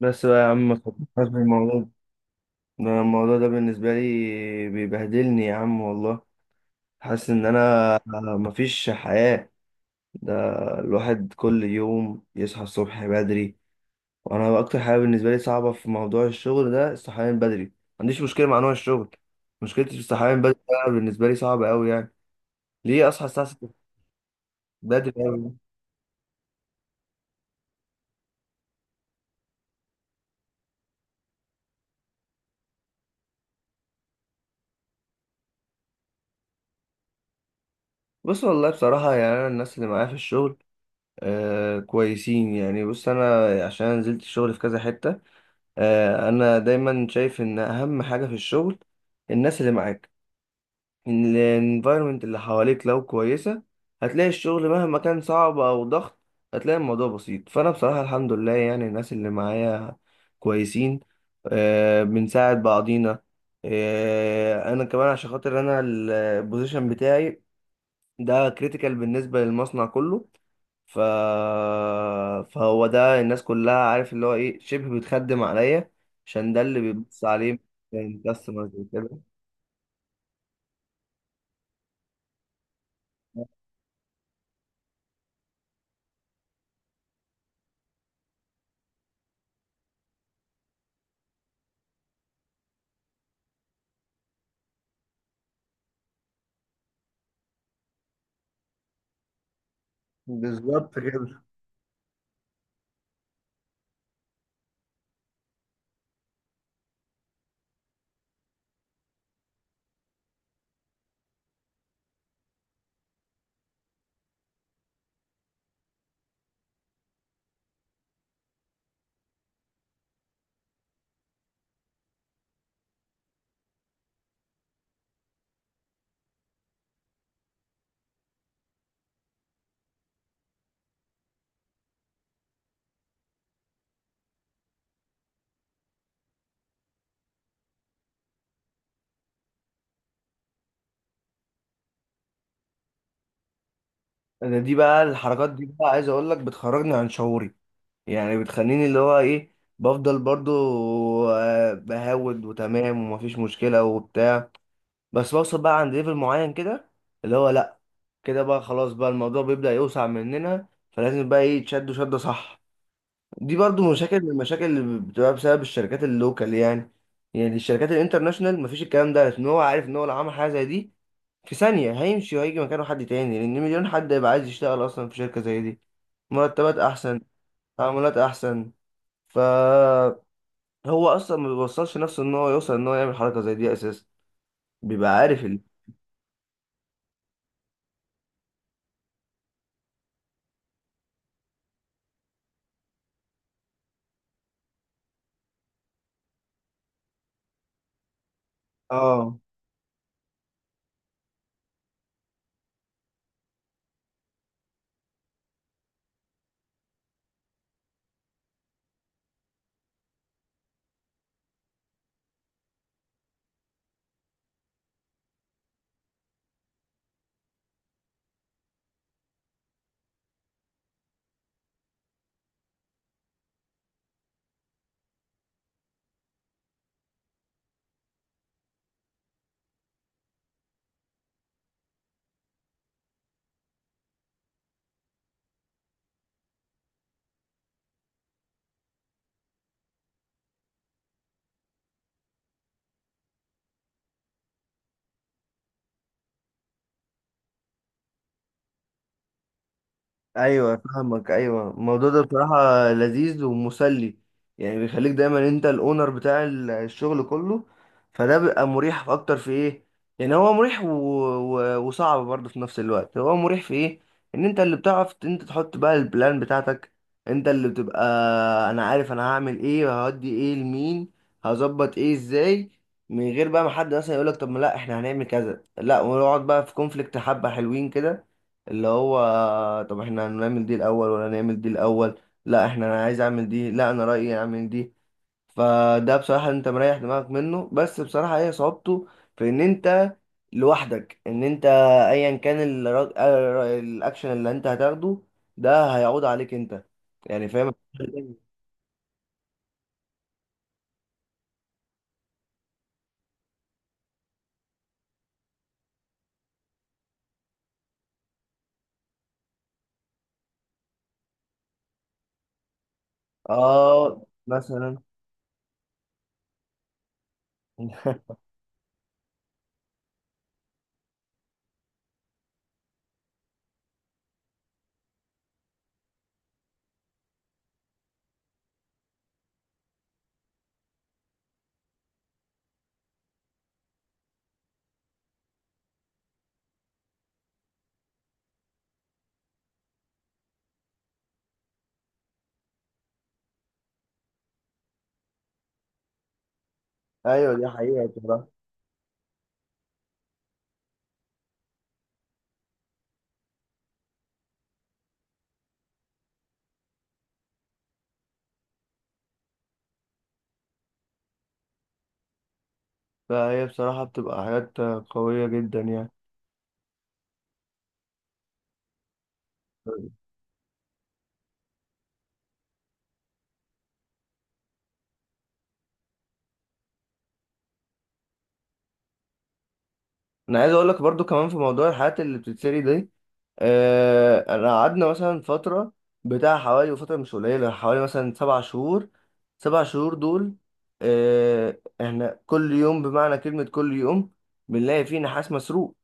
بس بقى يا عم ما تفكرناش بالموضوع ده. أنا الموضوع ده بالنسبة لي بيبهدلني يا عم والله. حاسس ان انا مفيش حياة. ده الواحد كل يوم يصحى الصبح بدري، وانا اكتر حاجة بالنسبة لي صعبة في موضوع الشغل ده الصحيان بدري، ما عنديش مشكلة مع نوع الشغل، مشكلتي في الصحيان بدري. ده بالنسبة لي صعبة قوي يعني. ليه اصحى الساعة 6؟ بدري قوي. بص والله بصراحة يعني انا الناس اللي معايا في الشغل كويسين يعني. بص انا عشان نزلت الشغل في كذا حتة. انا دايما شايف ان اهم حاجه في الشغل الناس اللي معاك، ان الانفايرمنت اللي حواليك لو كويسه هتلاقي الشغل مهما كان صعب او ضغط هتلاقي الموضوع بسيط. فانا بصراحه الحمد لله يعني الناس اللي معايا كويسين. بنساعد بعضينا. انا كمان عشان خاطر انا البوزيشن بتاعي ده كريتيكال بالنسبه للمصنع كله. ف... فهو ده الناس كلها عارف اللي هو ايه شبه بتخدم عليا عشان ده اللي بيبص عليه من كاستمرز وكده. بالظبط كده. انا دي بقى الحركات دي بقى عايز اقول لك بتخرجني عن شعوري. يعني بتخليني اللي هو ايه، بفضل برضو بهود وتمام ومفيش مشكلة وبتاع. بس بوصل بقى عند ليفل معين كده اللي هو لا، كده بقى خلاص بقى الموضوع بيبدأ يوسع مننا فلازم بقى ايه تشدوا شدة صح. دي برضو مشاكل من المشاكل اللي بتبقى بسبب الشركات اللوكال يعني. يعني الشركات الانترناشونال مفيش الكلام ده لان هو عارف ان هو لو عمل حاجه زي دي في ثانيه هيمشي وهيجي مكانه حد تاني، لان مليون حد هيبقى عايز يشتغل اصلا في شركه زي دي. مرتبات احسن، تعاملات احسن. فهو اصلا ما بيوصلش نفسه ان هو يوصل ان هو يعمل حركه زي دي اساسا. بيبقى عارف اه. ايوه فاهمك. ايوه الموضوع ده بصراحه لذيذ ومسلي، يعني بيخليك دايما انت الاونر بتاع الشغل كله. فده بيبقى مريح في اكتر في ايه. يعني هو مريح وصعب برضه في نفس الوقت. هو مريح في ايه؟ ان انت اللي بتعرف انت تحط بقى البلان بتاعتك. انت اللي بتبقى انا عارف انا هعمل ايه وهودي ايه لمين، هظبط ايه ازاي، من غير بقى ما حد مثلا يقولك طب ما لا احنا هنعمل كذا لا، ونقعد بقى في كونفليكت حبه حلوين كده، اللي هو طب احنا هنعمل دي الاول ولا نعمل دي الاول، لا انا عايز اعمل دي، لا انا رايي اعمل دي. فده بصراحه انت مريح دماغك منه، بس بصراحه هي صعوبته في ان انت لوحدك ان انت ايا كان الرا- ال- الاكشن اللي انت هتاخده ده هيعود عليك انت. يعني فاهم. اه مثلا. ايوه دي حقيقه بصراحه. فهي بصراحه بتبقى حاجات قويه جدا يعني. انا عايز اقول لك برضو كمان في موضوع الحاجات اللي بتتسري دي. انا قعدنا مثلا فترة بتاع حوالي وفترة مش قليلة حوالي مثلا سبع شهور. سبع شهور دول، احنا كل يوم بمعنى كلمة كل يوم بنلاقي فيه نحاس مسروق.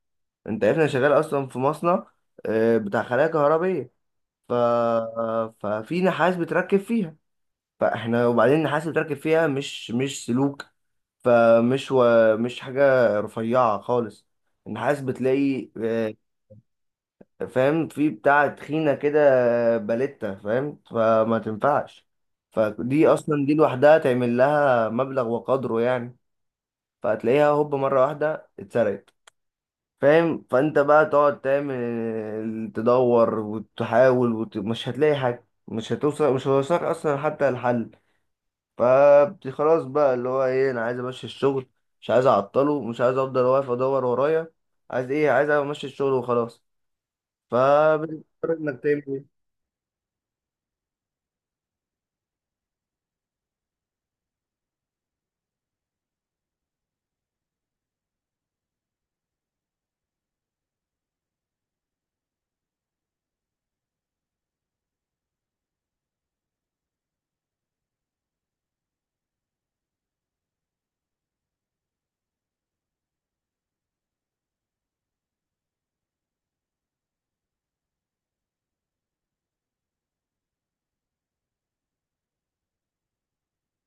انت عارف انا شغال اصلا في مصنع بتاع خلايا كهربية. ف... ففي نحاس بتركب فيها. فاحنا وبعدين النحاس اللي بتركب فيها مش سلوك. فمش و... مش حاجة رفيعة خالص. النحاس بتلاقي فاهم في بتاع تخينة كده. باليتا فاهم، فما تنفعش. فدي أصلا دي لوحدها تعمل لها مبلغ وقدره يعني. فهتلاقيها هوب مرة واحدة اتسرقت. فاهم، فأنت بقى تقعد تعمل تدور وتحاول مش هتلاقي حاجة، مش هتوصلك أصلا حتى الحل. فخلاص بقى اللي هو ايه انا عايز امشي الشغل، مش عايز اعطله، مش عايز افضل واقف ادور ورايا. عايز ايه؟ عايز امشي الشغل وخلاص. فبتضطر انك تعمل ايه.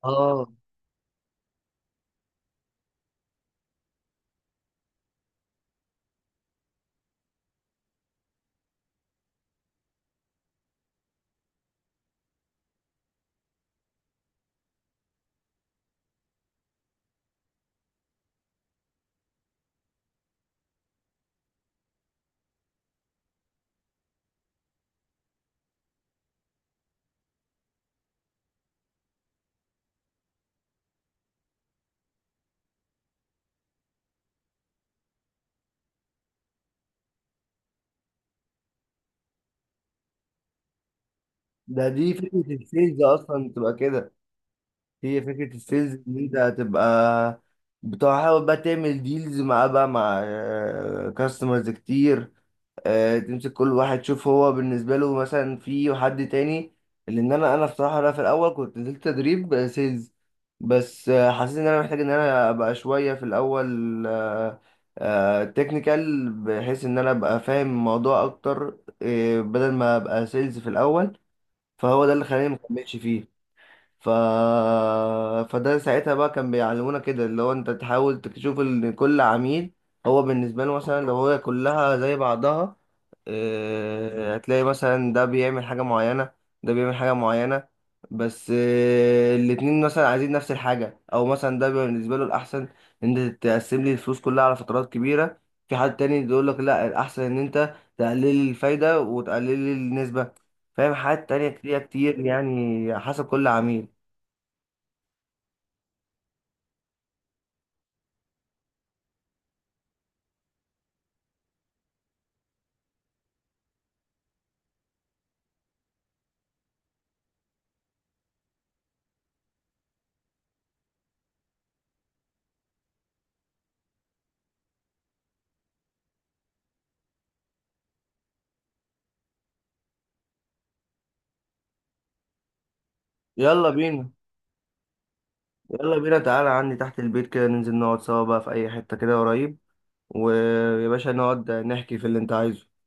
اه، ده دي فكرة السيلز اصلا تبقى كده. هي فكرة السيلز ان انت هتبقى بتحاول بقى تعمل ديلز مع كاستمرز كتير. تمسك كل واحد تشوف هو بالنسبة له مثلا في حد تاني. لأن أنا بصراحة أنا في الأول كنت نزلت تدريب سيلز. بس حسيت إن أنا محتاج إن أنا أبقى شوية في الأول تكنيكال بحيث إن أنا أبقى فاهم الموضوع أكتر بدل ما أبقى سيلز في الأول. فهو ده اللي خلاني مكملش فيه. ف... فده ساعتها بقى كان بيعلمونا كده اللي هو أنت تحاول تشوف إن كل عميل هو بالنسبة له مثلا لو هو كلها زي بعضها، هتلاقي مثلا ده بيعمل حاجة معينة، ده بيعمل حاجة معينة. بس الاتنين مثلا عايزين نفس الحاجة، أو مثلا ده بيبقى بالنسبة له الأحسن إن أنت تقسم لي الفلوس كلها على فترات كبيرة. في حد تاني يقول لك لا الأحسن إن أنت تقلل لي الفايدة وتقلل لي النسبة. فاهم، حاجات تانية كتير كتير يعني حسب كل عميل. يلا بينا. يلا بينا، تعالى عندي تحت البيت كده ننزل نقعد سوا بقى في أي حتة كده قريب، ويا باشا نقعد نحكي في اللي أنت عايزه.